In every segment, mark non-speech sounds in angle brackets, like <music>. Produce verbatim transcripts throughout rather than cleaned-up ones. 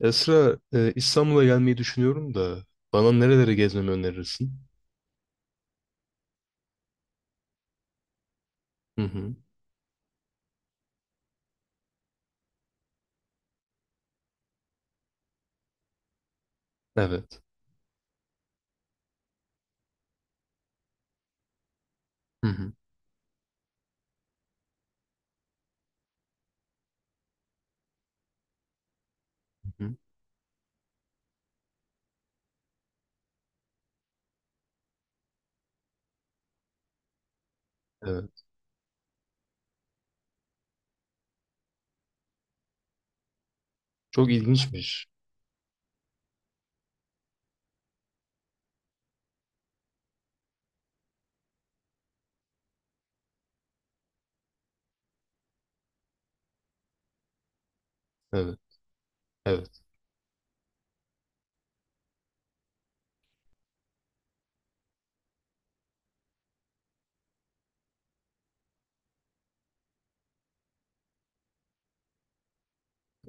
Esra, e, İstanbul'a gelmeyi düşünüyorum da bana nereleri gezmemi önerirsin? Hı hı. Evet. Hı hı. Hı hı. Evet. Çok ilginçmiş. Evet. Evet.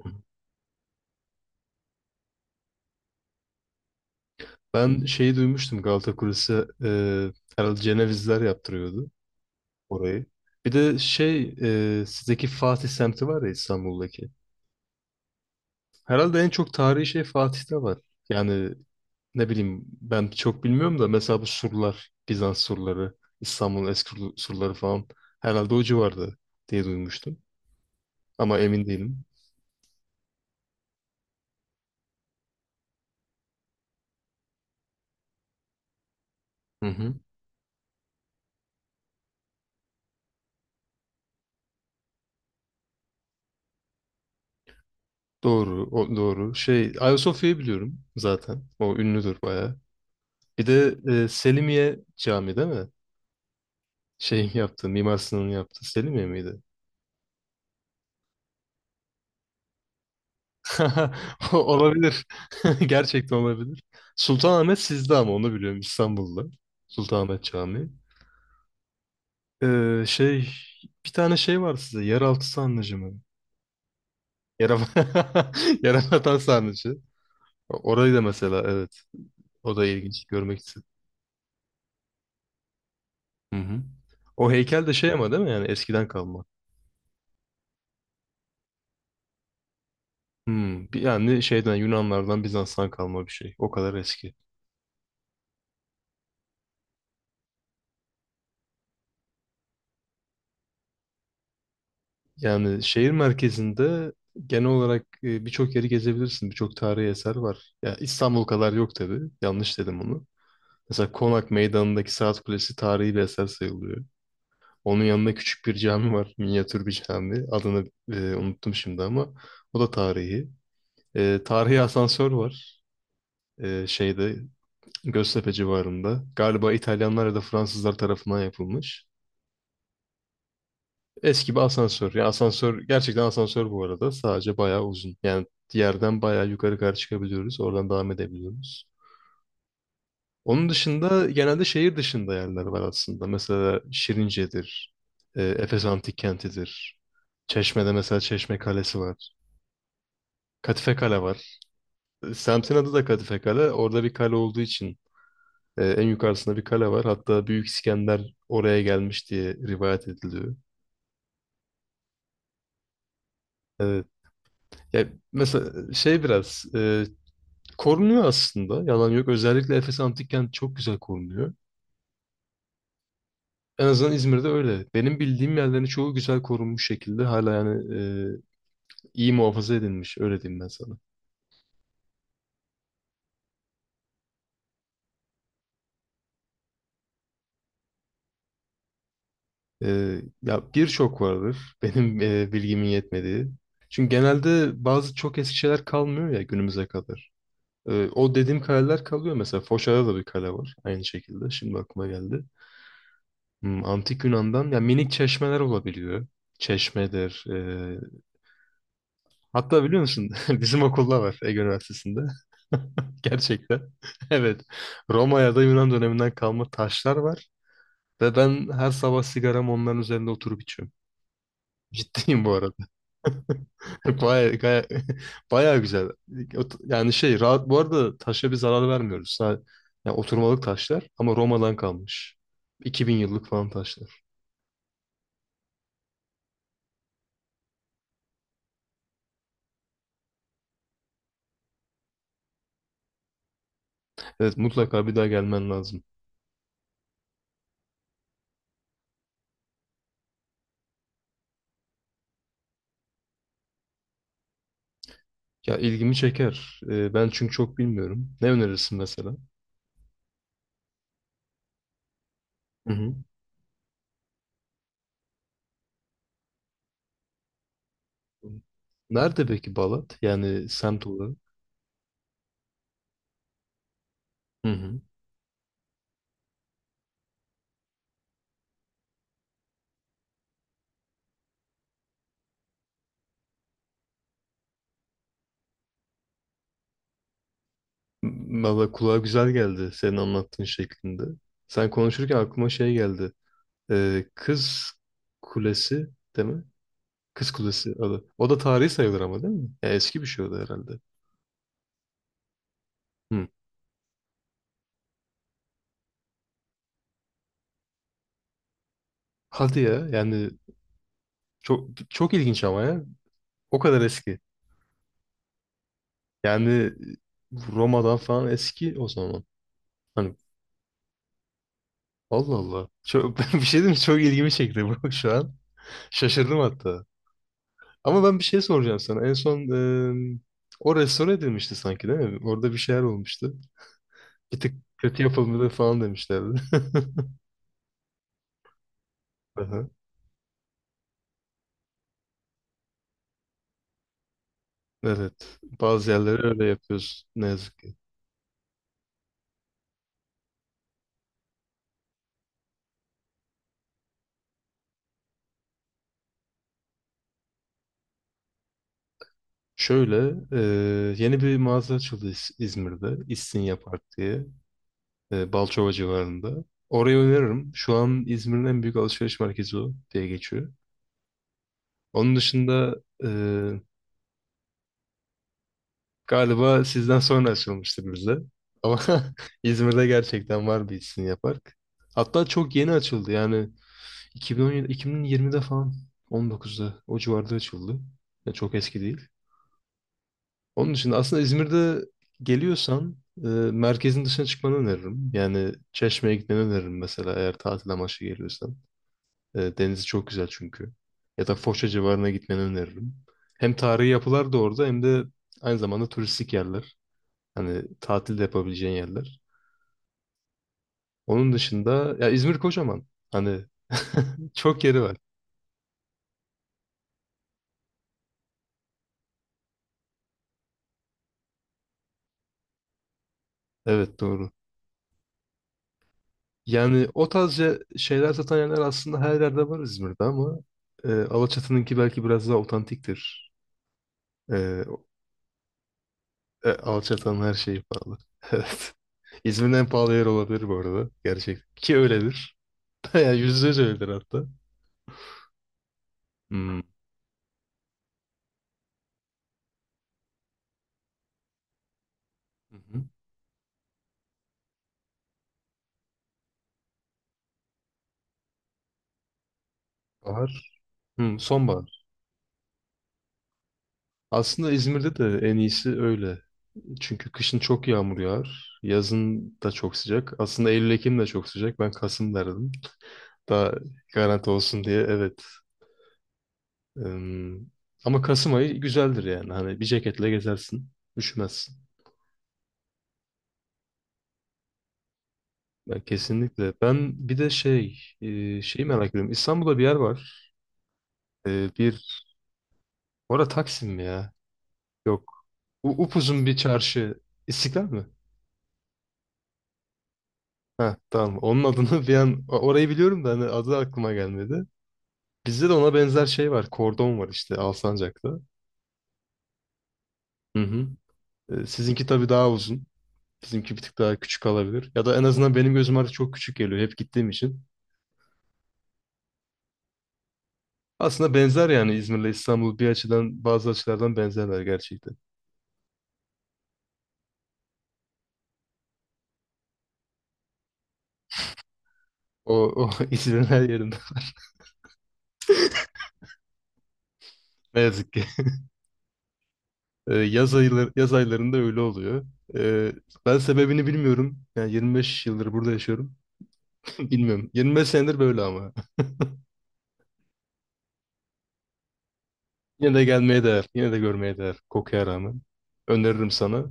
Hı hı. Ben şeyi duymuştum Galata Kulesi, e, herhalde Cenevizler yaptırıyordu orayı. Bir de şey, e, sizdeki Fatih semti var ya, İstanbul'daki. Herhalde en çok tarihi şey Fatih'te var. Yani ne bileyim, ben çok bilmiyorum da mesela bu surlar, Bizans surları, İstanbul'un eski sur- surları falan herhalde o civarda diye duymuştum. Ama emin değilim. Hı hı. Doğru, o, doğru. Şey, Ayasofya'yı biliyorum zaten. O ünlüdür bayağı. Bir de e, Selimiye Camii değil mi? Şeyin yaptığı, <laughs> Mimar Sinan'ın yaptığı Selimiye miydi? <laughs> O- Olabilir. <laughs> Gerçekten olabilir. Sultanahmet sizde ama onu biliyorum, İstanbul'da. Sultanahmet Camii. Ee, şey, bir tane şey var size, yeraltı sarnıcı mı? Yere, <laughs> Yerebatan sarnıcı. Orayı da mesela, evet, o da ilginç, görmek istedim. Hı hı. O heykel de şey ama değil mi, yani eskiden kalma. Hmm, bir- yani şeyden, Yunanlardan, Bizans'tan kalma bir şey. O kadar eski. Yani şehir merkezinde genel olarak e, birçok yeri gezebilirsin. Birçok tarihi eser var. Ya İstanbul kadar yok tabii. Yanlış dedim onu. Mesela Konak Meydanı'ndaki Saat Kulesi tarihi bir eser sayılıyor. Onun yanında küçük bir cami var. Minyatür bir cami. Adını e, unuttum şimdi ama o da tarihi. E, tarihi asansör var. E, şeyde Göztepe civarında. Galiba İtalyanlar ya da Fransızlar tarafından yapılmış. Eski bir asansör. Yani asansör gerçekten asansör bu arada. Sadece bayağı uzun. Yani yerden bayağı yukarı kadar çıkabiliyoruz. Oradan devam edebiliyoruz. Onun dışında genelde şehir dışında yerler var aslında. Mesela Şirince'dir. e, Efes Antik Kenti'dir. Çeşme'de mesela Çeşme Kalesi var. Kadife Kale var. E, Semtin adı da Kadife Kale. Orada bir kale olduğu için e, en yukarısında bir kale var. Hatta Büyük İskender oraya gelmiş diye rivayet ediliyor. Evet. Ya mesela şey biraz e, korunuyor aslında. Yalan yok. Özellikle Efes Antik Kent çok güzel korunuyor. En azından İzmir'de öyle. Benim bildiğim yerlerin çoğu güzel korunmuş şekilde hala, yani e, iyi muhafaza edilmiş. Öyle diyeyim ben sana. Ee, ya birçok vardır <laughs> benim e, bilgimin yetmediği. Çünkü genelde bazı çok eski şeyler kalmıyor ya günümüze kadar. Ee, o dediğim kaleler kalıyor. Mesela Foça'da da bir kale var aynı şekilde. Şimdi aklıma geldi. Hmm, Antik Yunan'dan ya minik çeşmeler olabiliyor. Çeşmedir. E, hatta biliyor musun, <laughs> bizim okulda var, Ege Üniversitesi'nde. <laughs> Gerçekten. <laughs> Evet. Roma ya da Yunan döneminden kalma taşlar var. Ve ben her sabah sigaramı onların üzerinde oturup içiyorum. <laughs> Ciddiyim bu. <laughs> Baya, baya, baya <laughs> güzel. Ot- Yani şey, rahat bu arada, taşa bir zarar vermiyoruz. Sa- Yani oturmalık taşlar ama Roma'dan kalmış. iki bin yıllık falan taşlar. Evet, mutlaka bir daha gelmen lazım. Ya, ilgimi çeker. Ee, ben çünkü çok bilmiyorum. Ne önerirsin mesela? Hı hı. Nerede peki Balat? Yani semt olarak. Hı hı. M- Valla kulağa güzel geldi senin anlattığın şeklinde. Sen konuşurken aklıma şey geldi. Ee, Kız Kulesi değil mi? Kız Kulesi adı. O da tarihi sayılır ama, değil mi? Ya eski bir şey o da herhalde. Hı. Hadi ya, yani çok çok ilginç ama ya. O kadar eski. Yani Roma'dan falan eski o zaman. Hani Allah Allah. Çok, <laughs> bir şey diyeyim mi? Çok ilgimi çekti bu <laughs> şu an. Şaşırdım hatta. Ama ben bir şey soracağım sana. En son e, o restore edilmişti sanki, değil mi? Orada bir şeyler olmuştu. Bir tık kötü yapılmadı falan demişlerdi. <laughs> Aha, evet. Bazı yerleri öyle yapıyoruz ne yazık ki. Şöyle, e, yeni bir mağaza açıldı İz- İzmir'de, İstinye Park diye, e, Balçova civarında. Orayı öneririm. Şu an İzmir'in en büyük alışveriş merkezi o diye geçiyor. Onun dışında e, galiba sizden sonra açılmıştır bizde. Ama <laughs> İzmir'de gerçekten var bir İstinye Park. Hatta çok yeni açıldı yani, iki bin on yedi, iki bin yirmide falan, on dokuzda o civarda açıldı. Yani çok eski değil. Onun için aslında İzmir'de geliyorsan e, merkezin dışına çıkmanı öneririm. Yani Çeşme'ye gitmeni öneririm mesela, eğer tatil amaçlı geliyorsan. E, denizi çok güzel çünkü. Ya da Foça civarına gitmeni öneririm. Hem tarihi yapılar da orada hem de aynı zamanda turistik yerler. Hani tatil de yapabileceğin yerler. Onun dışında ya, İzmir kocaman. Hani <laughs> çok yeri var. Evet, doğru. Yani o tarz ce- şeyler satan yerler aslında her yerde var İzmir'de ama e, Alaçatı'nınki belki biraz daha otantiktir. Ee, e, Alçatan her şeyi pahalı. <laughs> Evet. İzmir'in en pahalı yer olabilir bu arada. Gerçekten. Ki öyledir. <laughs> Yani yüzde yüz öyledir hatta. Hmm. Hı hı. Bahar. Hmm, sonbahar. Aslında İzmir'de de en iyisi öyle. Çünkü kışın çok yağmur yağar. Yazın da çok sıcak. Aslında Eylül-Ekim de çok sıcak. Ben Kasım derdim. <laughs> Daha garanti olsun diye. Evet. Hmm. Ama Kasım ayı güzeldir yani. Hani bir ceketle gezersin. Üşümezsin. Ya, kesinlikle. Ben bir de şey, e, şeyi merak ediyorum. İstanbul'da bir yer var. E, bir, orada Taksim mi ya? Yok. U- upuzun bir çarşı. İstiklal mi? Ha, tamam. Onun adını <laughs> bir an, o- orayı biliyorum da hani adı aklıma gelmedi. Bizde de ona benzer şey var. Kordon var işte, Alsancak'ta. Hı hı. E, sizinki tabii daha uzun. Bizimki bir tık daha küçük olabilir. Ya da en azından benim gözüm artık çok küçük geliyor hep gittiğim için. Aslında benzer, yani İzmir'le İstanbul bir açıdan, bazı açılardan benzerler gerçekten. O, o <laughs> İzmir'in her yerinde. Ne yazık ki. <laughs> Ee, yaz ayları, yaz aylarında öyle oluyor. Ee, Ben sebebini bilmiyorum. Yani yirmi beş yıldır burada yaşıyorum. <laughs> Bilmiyorum. yirmi beş senedir böyle ama. <laughs> Yine de gelmeye değer. Yine de görmeye değer. Kokuya rağmen. Öneririm sana.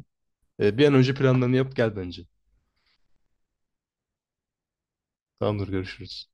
Ee, bir an önce planlarını yap, gel bence. Tamamdır, görüşürüz.